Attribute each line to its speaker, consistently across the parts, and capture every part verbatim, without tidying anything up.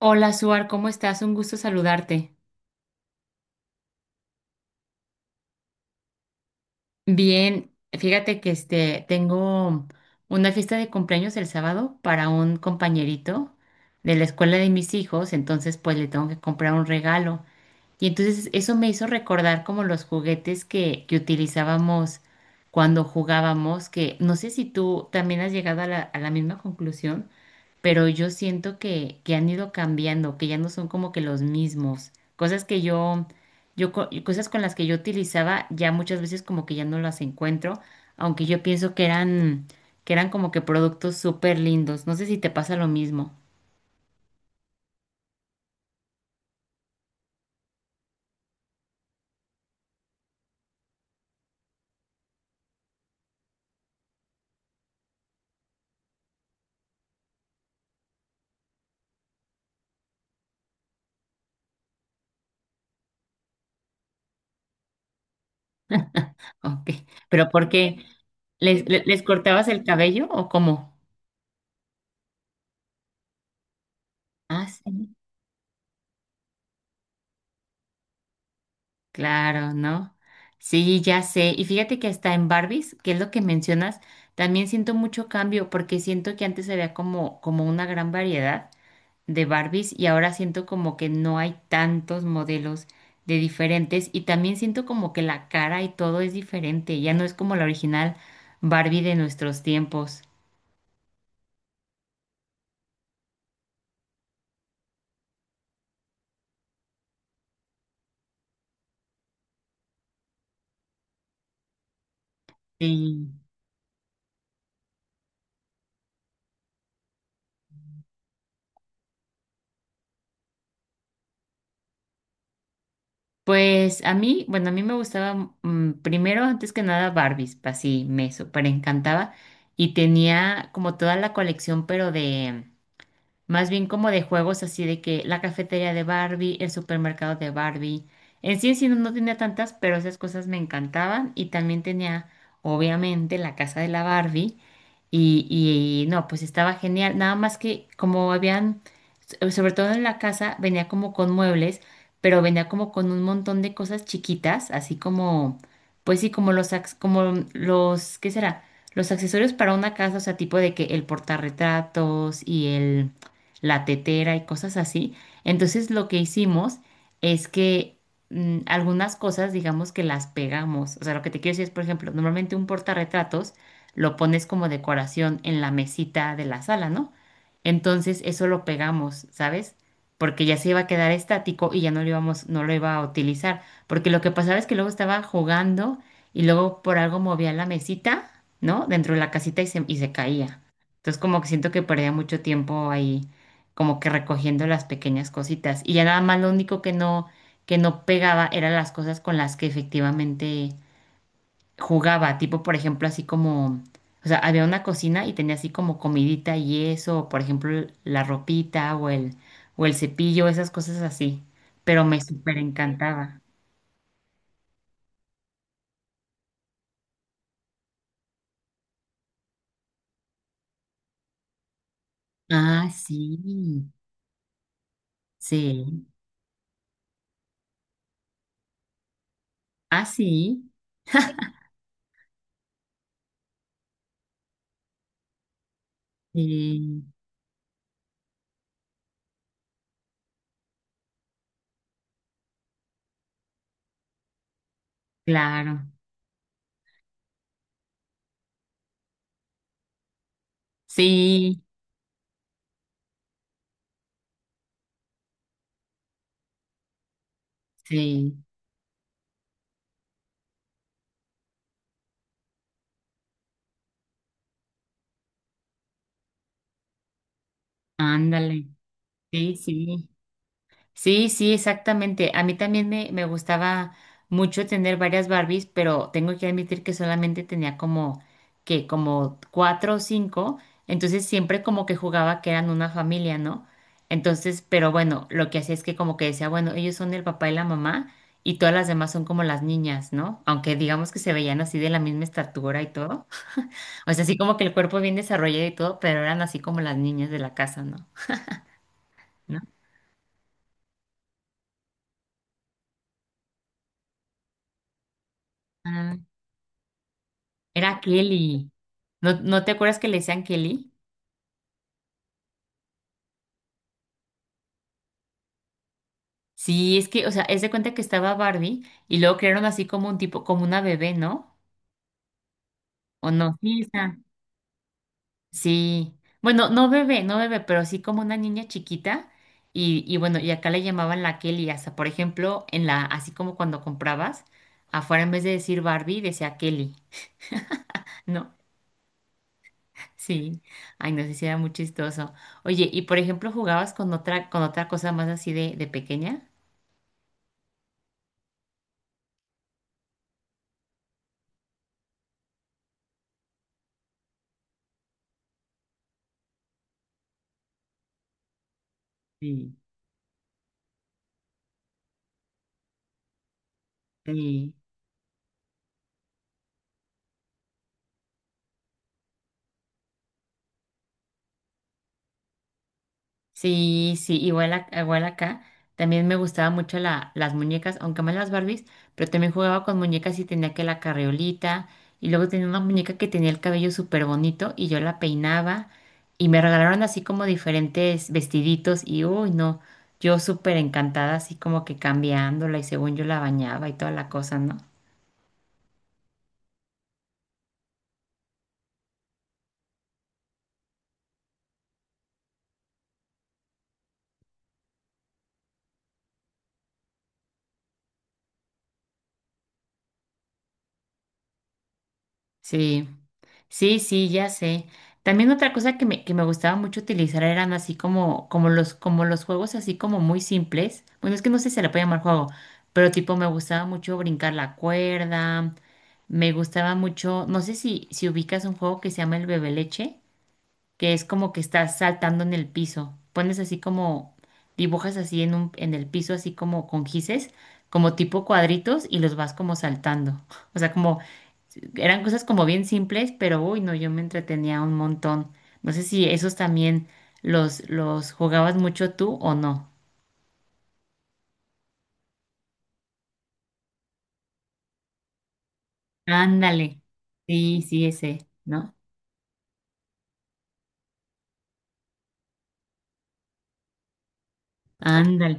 Speaker 1: Hola, Suar, ¿cómo estás? Un gusto saludarte. Bien, fíjate que este tengo una fiesta de cumpleaños el sábado para un compañerito de la escuela de mis hijos, entonces pues le tengo que comprar un regalo. Y entonces eso me hizo recordar como los juguetes que, que utilizábamos cuando jugábamos, que no sé si tú también has llegado a la, a la misma conclusión, pero yo siento que, que han ido cambiando, que ya no son como que los mismos. Cosas que yo, yo, co- Cosas con las que yo utilizaba, ya muchas veces como que ya no las encuentro, aunque yo pienso que eran, que eran como que productos súper lindos. No sé si te pasa lo mismo. Ok. ¿Pero por qué? ¿Les, le- les cortabas el cabello o cómo? Ah, sí. Claro, ¿no? Sí, ya sé. Y fíjate que hasta en Barbies, que es lo que mencionas, también siento mucho cambio porque siento que antes había como, como una gran variedad de Barbies y ahora siento como que no hay tantos modelos de diferentes y también siento como que la cara y todo es diferente. Ya no es como la original Barbie de nuestros tiempos. Sí. Pues a mí, bueno, a mí me gustaba mm, primero, antes que nada, Barbies, así me súper encantaba y tenía como toda la colección, pero de, más bien como de juegos así de que la cafetería de Barbie, el supermercado de Barbie. En sí, en sí no, no tenía tantas, pero esas cosas me encantaban. Y también tenía, obviamente, la casa de la Barbie. Y, y no, pues estaba genial. Nada más que como habían, so- sobre todo en la casa, venía como con muebles, pero venía como con un montón de cosas chiquitas, así como, pues sí, como los, ac- como los, ¿qué será? Los accesorios para una casa, o sea, tipo de que el portarretratos y el la tetera y cosas así. Entonces lo que hicimos es que mm, algunas cosas, digamos que las pegamos. O sea, lo que te quiero decir es, por ejemplo, normalmente un portarretratos lo pones como decoración en la mesita de la sala, ¿no? Entonces eso lo pegamos, ¿sabes? Porque ya se iba a quedar estático y ya no lo íbamos, no lo iba a utilizar. Porque lo que pasaba es que luego estaba jugando y luego por algo movía la mesita, ¿no? Dentro de la casita y se, y se caía. Entonces como que siento que perdía mucho tiempo ahí como que recogiendo las pequeñas cositas. Y ya nada más lo único que no, que no pegaba eran las cosas con las que efectivamente jugaba. Tipo, por ejemplo, así como, o sea, había una cocina y tenía así como comidita y eso, o por ejemplo, el- la ropita o el, o el cepillo, esas cosas así. Pero me súper encantaba. Ah, sí, sí. Ah, sí, sí, claro. Sí, sí, ándale. Sí, sí. Sí, sí, exactamente. A mí también me, me gustaba mucho tener varias Barbies, pero tengo que admitir que solamente tenía como que como cuatro o cinco, entonces siempre como que jugaba que eran una familia, ¿no? Entonces, pero bueno, lo que hacía es que como que decía, bueno, ellos son el papá y la mamá y todas las demás son como las niñas, ¿no? Aunque digamos que se veían así de la misma estatura y todo. O sea, así como que el cuerpo bien desarrollado y todo, pero eran así como las niñas de la casa, ¿no? ¿No? Ah. Era Kelly. ¿No, no te acuerdas que le decían Kelly? Sí, es que, o sea, es de cuenta que estaba Barbie y luego crearon así como un tipo, como una bebé, ¿no? ¿O no? Sí, está. Sí. Bueno, no bebé, no bebé, pero sí como una niña chiquita. Y, y bueno, y acá le llamaban la Kelly, hasta por ejemplo, en la, así como cuando comprabas, afuera en vez de decir Barbie, decía Kelly, ¿no? Sí. Ay, no sé si era muy chistoso. Oye, y por ejemplo, ¿jugabas con otra, con otra cosa más así de, de pequeña? Sí, sí. Sí, sí, igual, ac- igual acá. También me gustaba mucho la, las muñecas, aunque más las Barbies, pero también jugaba con muñecas y tenía que la carriolita. Y luego tenía una muñeca que tenía el cabello súper bonito y yo la peinaba. Y me regalaron así como diferentes vestiditos y uy, no, yo súper encantada, así como que cambiándola y según yo la bañaba y toda la cosa, ¿no? Sí, sí, sí, ya sé. También otra cosa que me, que me gustaba mucho utilizar eran así como, como los, como los juegos así como muy simples. Bueno, es que no sé si se le puede llamar juego, pero tipo me gustaba mucho brincar la cuerda, me gustaba mucho, no sé si, si ubicas un juego que se llama el bebe leche, que es como que estás saltando en el piso. Pones así como, dibujas así en un, en el piso, así como con gises, como tipo cuadritos, y los vas como saltando. O sea, como eran cosas como bien simples, pero uy, no, yo me entretenía un montón. No sé si esos también los, los jugabas mucho tú o no. Ándale. Sí, sí, ese, ¿no? Ándale.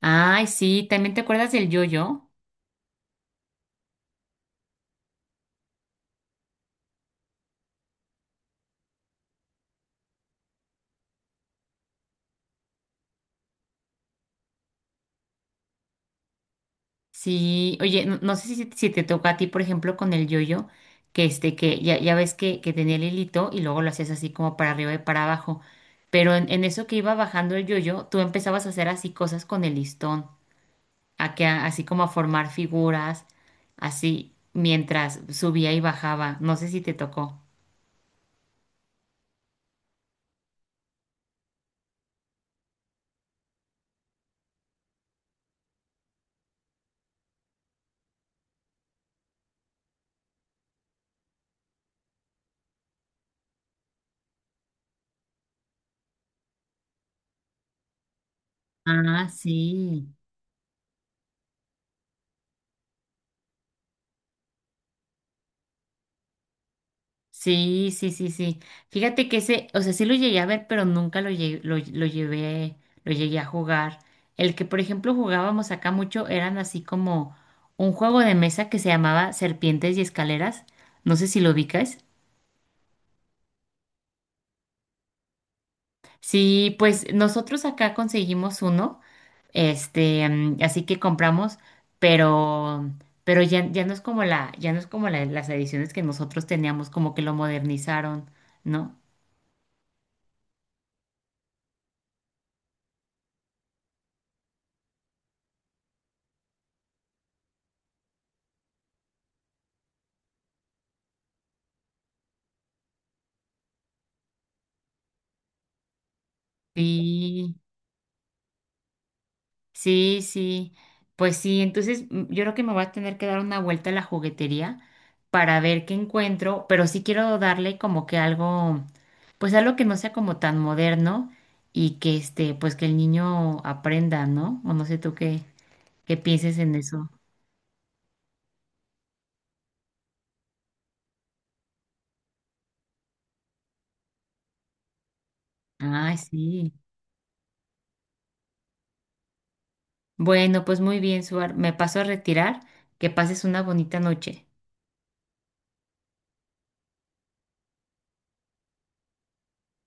Speaker 1: Ay, sí, ¿también te acuerdas del yo-yo? Sí, oye, no, no sé si, si te toca a ti, por ejemplo, con el yo-yo, que este, que ya, ya ves que, que tenía el hilito y luego lo hacías así como para arriba y para abajo. Pero en, en eso que iba bajando el yo-yo, tú empezabas a hacer así cosas con el listón. A que a- así como a formar figuras, así mientras subía y bajaba. No sé si te tocó. Ah, sí. Sí, sí, sí, sí. Fíjate que ese, o sea, sí lo llegué a ver, pero nunca lo llegué, lo, lo llevé, lo llegué a jugar. El que, por ejemplo, jugábamos acá mucho eran así como un juego de mesa que se llamaba Serpientes y Escaleras. No sé si lo ubicas. Sí, pues nosotros acá conseguimos uno. Este, mm, así que compramos, pero, pero ya, ya no es como la, ya no es como la- las ediciones que nosotros teníamos, como que lo modernizaron, ¿no? Sí, sí, sí. Pues sí, entonces mm, yo creo que me voy a tener que dar una vuelta a la juguetería para ver qué encuentro, pero sí quiero darle como que algo, pues algo que no sea como tan moderno y que este, pues que el niño aprenda, ¿no? O no sé tú qué, qué pienses en eso. Ay, sí. Bueno, pues muy bien, Suar. Me paso a retirar. Que pases una bonita noche.